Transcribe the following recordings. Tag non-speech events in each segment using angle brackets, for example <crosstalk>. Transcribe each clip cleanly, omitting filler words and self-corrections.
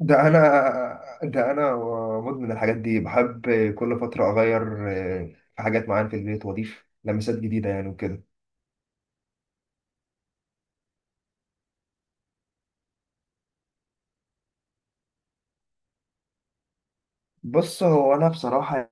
ده انا ده انا مدمن الحاجات دي، بحب كل فتره اغير في حاجات معينه في البيت واضيف لمسات جديده يعني وكده. بص، هو أنا بصراحة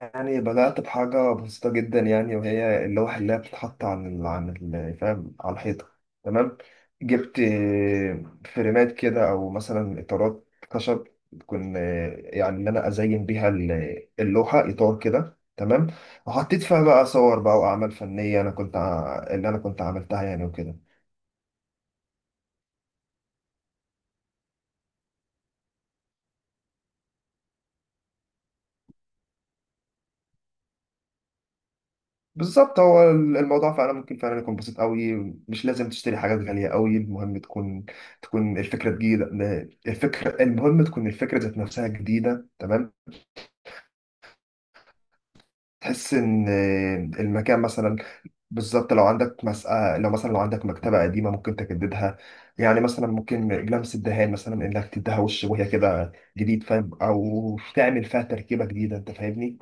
يعني بدأت بحاجة بسيطة جدا، يعني وهي اللوحة اللي هي بتتحط عن ال فاهم على الحيطة، تمام. جبت فريمات كده أو مثلا إطارات خشب تكون يعني إن أنا أزين بيها اللوحة، إطار كده تمام. وحطيت فيها بقى صور بقى وأعمال فنية اللي أنا كنت عملتها يعني وكده. بالظبط، هو الموضوع فعلا ممكن فعلا يكون بسيط قوي. مش لازم تشتري حاجات غالية قوي، المهم تكون الفكرة جديدة. الفكرة، المهم تكون الفكرة ذات نفسها جديدة، تمام. تحس ان المكان مثلا، بالظبط لو عندك مسألة، لو مثلا لو عندك مكتبة قديمة ممكن تجددها. يعني مثلا ممكن لمس الدهان، مثلا انك تديها وش وهي كده جديد، فاهم؟ او تعمل فيها تركيبة جديدة، انت فاهمني.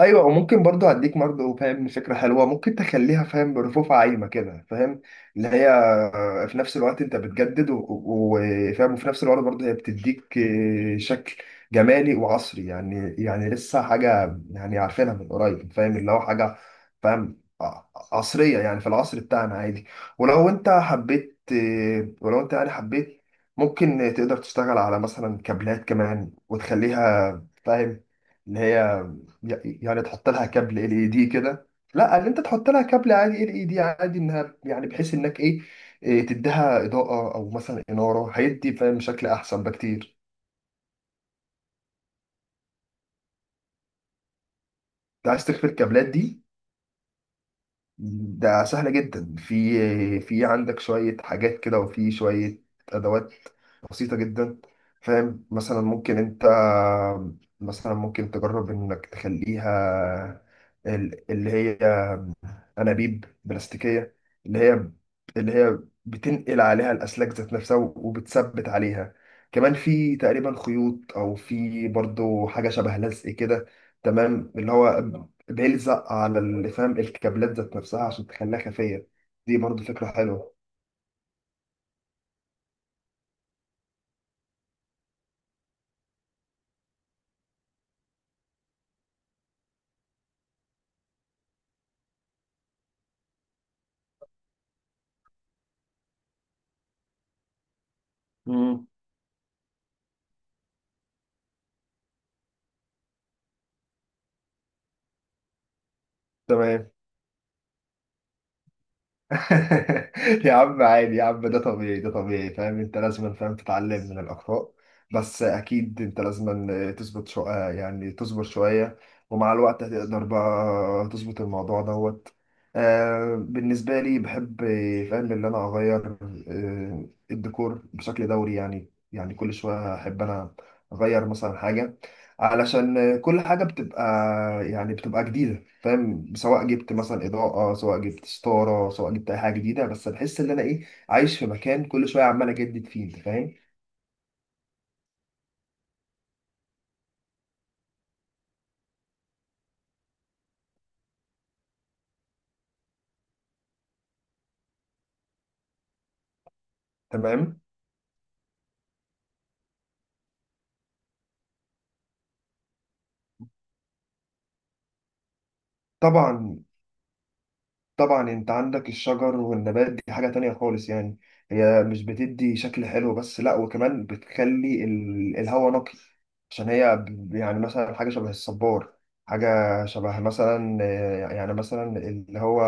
ايوه، وممكن برضو اديك برضو فاهم فكره حلوه، ممكن تخليها فاهم برفوف عايمه كده فاهم. اللي هي في نفس الوقت انت بتجدد وفاهم، وفي نفس الوقت برضو هي بتديك شكل جمالي وعصري، يعني يعني لسه حاجه يعني عارفينها من قريب، فاهم اللي هو حاجه فاهم ع- عصريه يعني في العصر بتاعنا عادي. ولو انت حبيت ولو انت يعني حبيت ممكن تقدر تشتغل على مثلا كابلات كمان وتخليها فاهم اللي هي يعني تحط لها كابل ال اي دي كده. لا، ان انت تحط لها كابل عادي ال اي دي عادي، انها يعني بحيث انك ايه، إيه تديها اضاءه او مثلا اناره، هيدي فاهم شكل احسن بكتير. انت عايز تخفي الكابلات دي؟ ده سهله جدا. في عندك شويه حاجات كده وفي شويه ادوات بسيطه جدا. فاهم، مثلا ممكن انت مثلا ممكن تجرب انك تخليها اللي هي انابيب بلاستيكيه، اللي هي اللي هي بتنقل عليها الاسلاك ذات نفسها وبتثبت عليها. كمان في تقريبا خيوط، او في برضو حاجه شبه لزق كده، تمام، اللي هو بيلزق على فاهم الكابلات ذات نفسها عشان تخليها خفيه. دي برضو فكره حلوه. مم. تمام. <laughs> يا عم، عادي يا عم، ده طبيعي، ده طبيعي، فاهم؟ انت لازم فاهم تتعلم من الاخطاء. بس اكيد انت لازم تظبط، يعني تصبر شويه، ومع الوقت هتقدر بقى تظبط الموضوع دوت. آه، بالنسبه لي بحب فاهم ان انا اغير الديكور بشكل دوري، يعني يعني كل شويه احب انا اغير مثلا حاجه، علشان كل حاجه بتبقى يعني بتبقى جديده، فاهم؟ سواء جبت مثلا اضاءه، سواء جبت ستاره، سواء جبت اي حاجه جديده، بس بحس ان انا ايه عايش في مكان كل شويه عمال اجدد فيه، انت فاهم. تمام. طبعا، طبعا انت عندك الشجر والنبات دي حاجه تانية خالص، يعني هي مش بتدي شكل حلو بس، لا، وكمان بتخلي الهواء نقي. عشان هي يعني مثلا حاجه شبه الصبار، حاجه شبه مثلا يعني مثلا اللي هو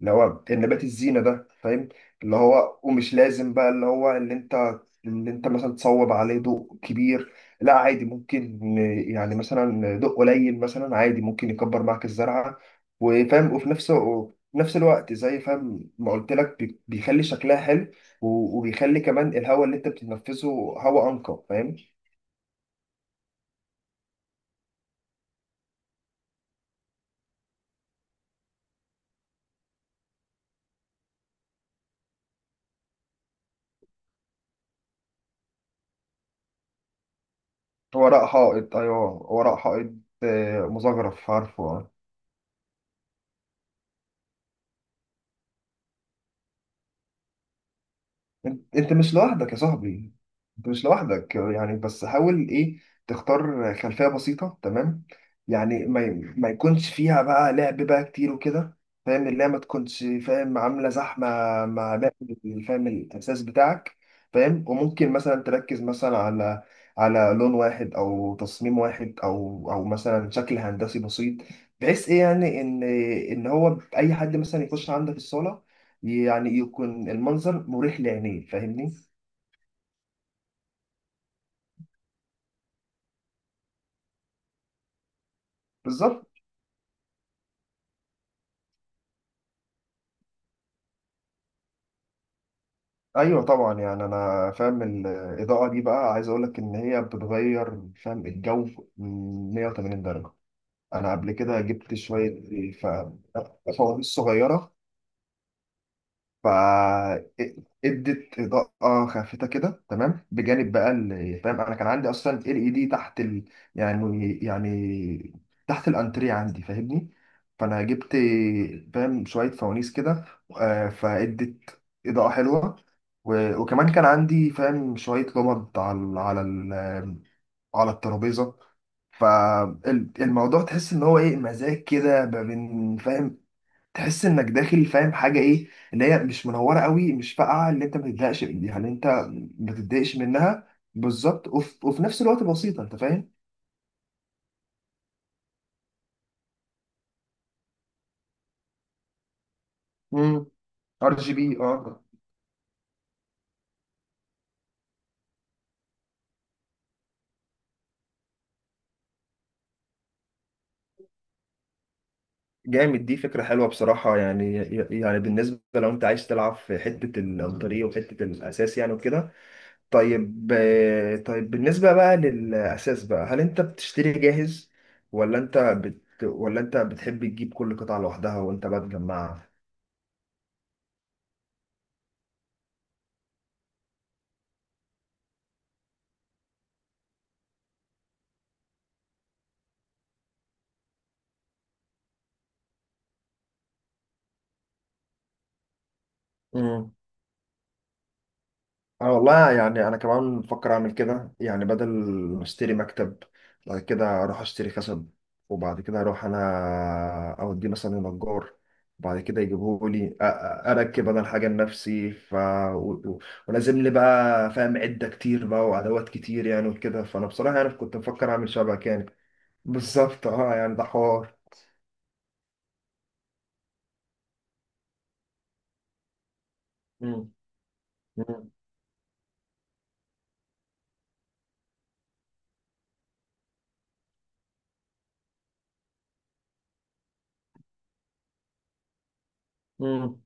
النبات الزينة ده فاهم. اللي هو ومش لازم بقى اللي هو اللي انت مثلا تصوب عليه ضوء كبير. لا، عادي ممكن يعني مثلا ضوء قليل مثلا عادي ممكن يكبر معاك الزرعة. وفاهم، وفي نفس الوقت زي فاهم ما قلت لك بيخلي شكلها حلو وبيخلي كمان الهواء اللي انت بتتنفسه هواء انقى، فاهم. هو رق حائط، ايوه هو رق حائط مزخرف، عارفه. آه. انت انت مش لوحدك يا صاحبي، انت مش لوحدك يعني، بس حاول ايه تختار خلفية بسيطة، تمام. يعني ما يكونش فيها بقى لعب بقى كتير وكده، فاهم، اللعبة ما تكونش فاهم عاملة زحمة مع باقي الفهم الأساس بتاعك. فاهم، وممكن مثلا تركز مثلا على على لون واحد أو تصميم واحد أو أو مثلا شكل هندسي بسيط، بحيث ايه يعني ان ان هو اي حد مثلا يخش عندك الصالة يعني يكون المنظر مريح لعينيه، فاهمني. بالظبط. ايوه طبعا، يعني انا فاهم الاضاءه دي بقى، عايز اقول لك ان هي بتغير فاهم الجو 180 درجه. انا قبل كده جبت شويه ف- فوانيس صغيره، فادت اضاءه خافته كده، تمام، بجانب بقى فاهم انا كان عندي اصلا ال اي دي تحت ال... يعني تحت الانتريه عندي فاهمني. فانا جبت فاهم شويه فوانيس كده فادت اضاءه حلوه. وكمان كان عندي فاهم شويه لمض على على الترابيزه، فالموضوع تحس ان هو ايه مزاج كده ما بين فاهم. تحس انك داخل فاهم حاجه ايه اللي هي مش منوره قوي، مش فاقعه، اللي انت ما تتضايقش يعني انت ما تتضايقش منها، بالظبط، وفي نفس الوقت بسيطه، انت فاهم. امم، ار جي بي، اه. جامد، دي فكره حلوه بصراحه، يعني يعني بالنسبه لو انت عايز تلعب في حته الطريق وحته الاساس يعني وكده. طيب طيب بالنسبه بقى للاساس بقى، هل انت بتشتري جاهز ولا انت ولا انت بتحب تجيب كل قطعه لوحدها وانت بقى تجمعها؟ انا والله يعني انا كمان بفكر اعمل كده، يعني بدل ما اشتري مكتب بعد كده اروح اشتري خشب، وبعد كده اروح انا اوديه مثلا لنجار، وبعد كده يجيبه لي اركب انا الحاجه لنفسي، ف و- و- ولازم لي بقى فاهم عده كتير بقى وادوات كتير يعني وكده. فانا بصراحه يعني كنت مفكر اعمل شبك يعني. بالظبط، اه، يعني ده حوار. مم. مم. مم.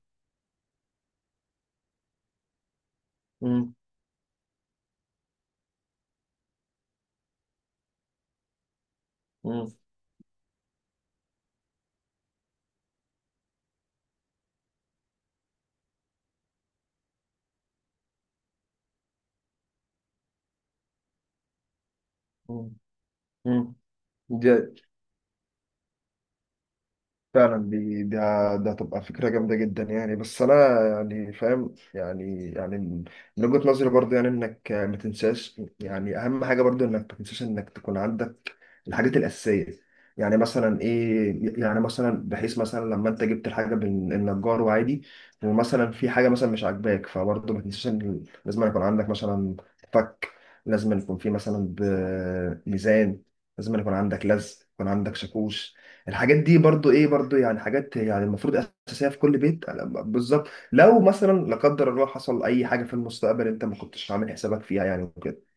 مم. مم. مم. مم. فعلا، دي ده ده هتبقى فكرة جامدة جدا، يعني بس أنا يعني فاهم، يعني من وجهة نظري برضه، يعني إنك ما تنساش يعني أهم حاجة برضه إنك ما تنساش إنك تكون عندك الحاجات الأساسية. يعني مثلا إيه، يعني مثلا بحيث مثلا لما أنت جبت الحاجة من النجار وعادي ومثلا في حاجة مثلا مش عاجباك، فبرضه ما تنساش إن لازم يكون عندك مثلا فك، لازم يكون في مثلا ميزان، لازم يكون عندك لزق، يكون عندك شاكوش. الحاجات دي برضو ايه برضو يعني حاجات يعني المفروض اساسيه في كل بيت. أنا بالظبط، لو مثلا، لا قدر الله، حصل اي حاجه في المستقبل انت ما كنتش عامل حسابك فيها يعني وكده.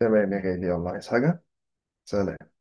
تمام يا غالي، يلا، عايز حاجه؟ سلام.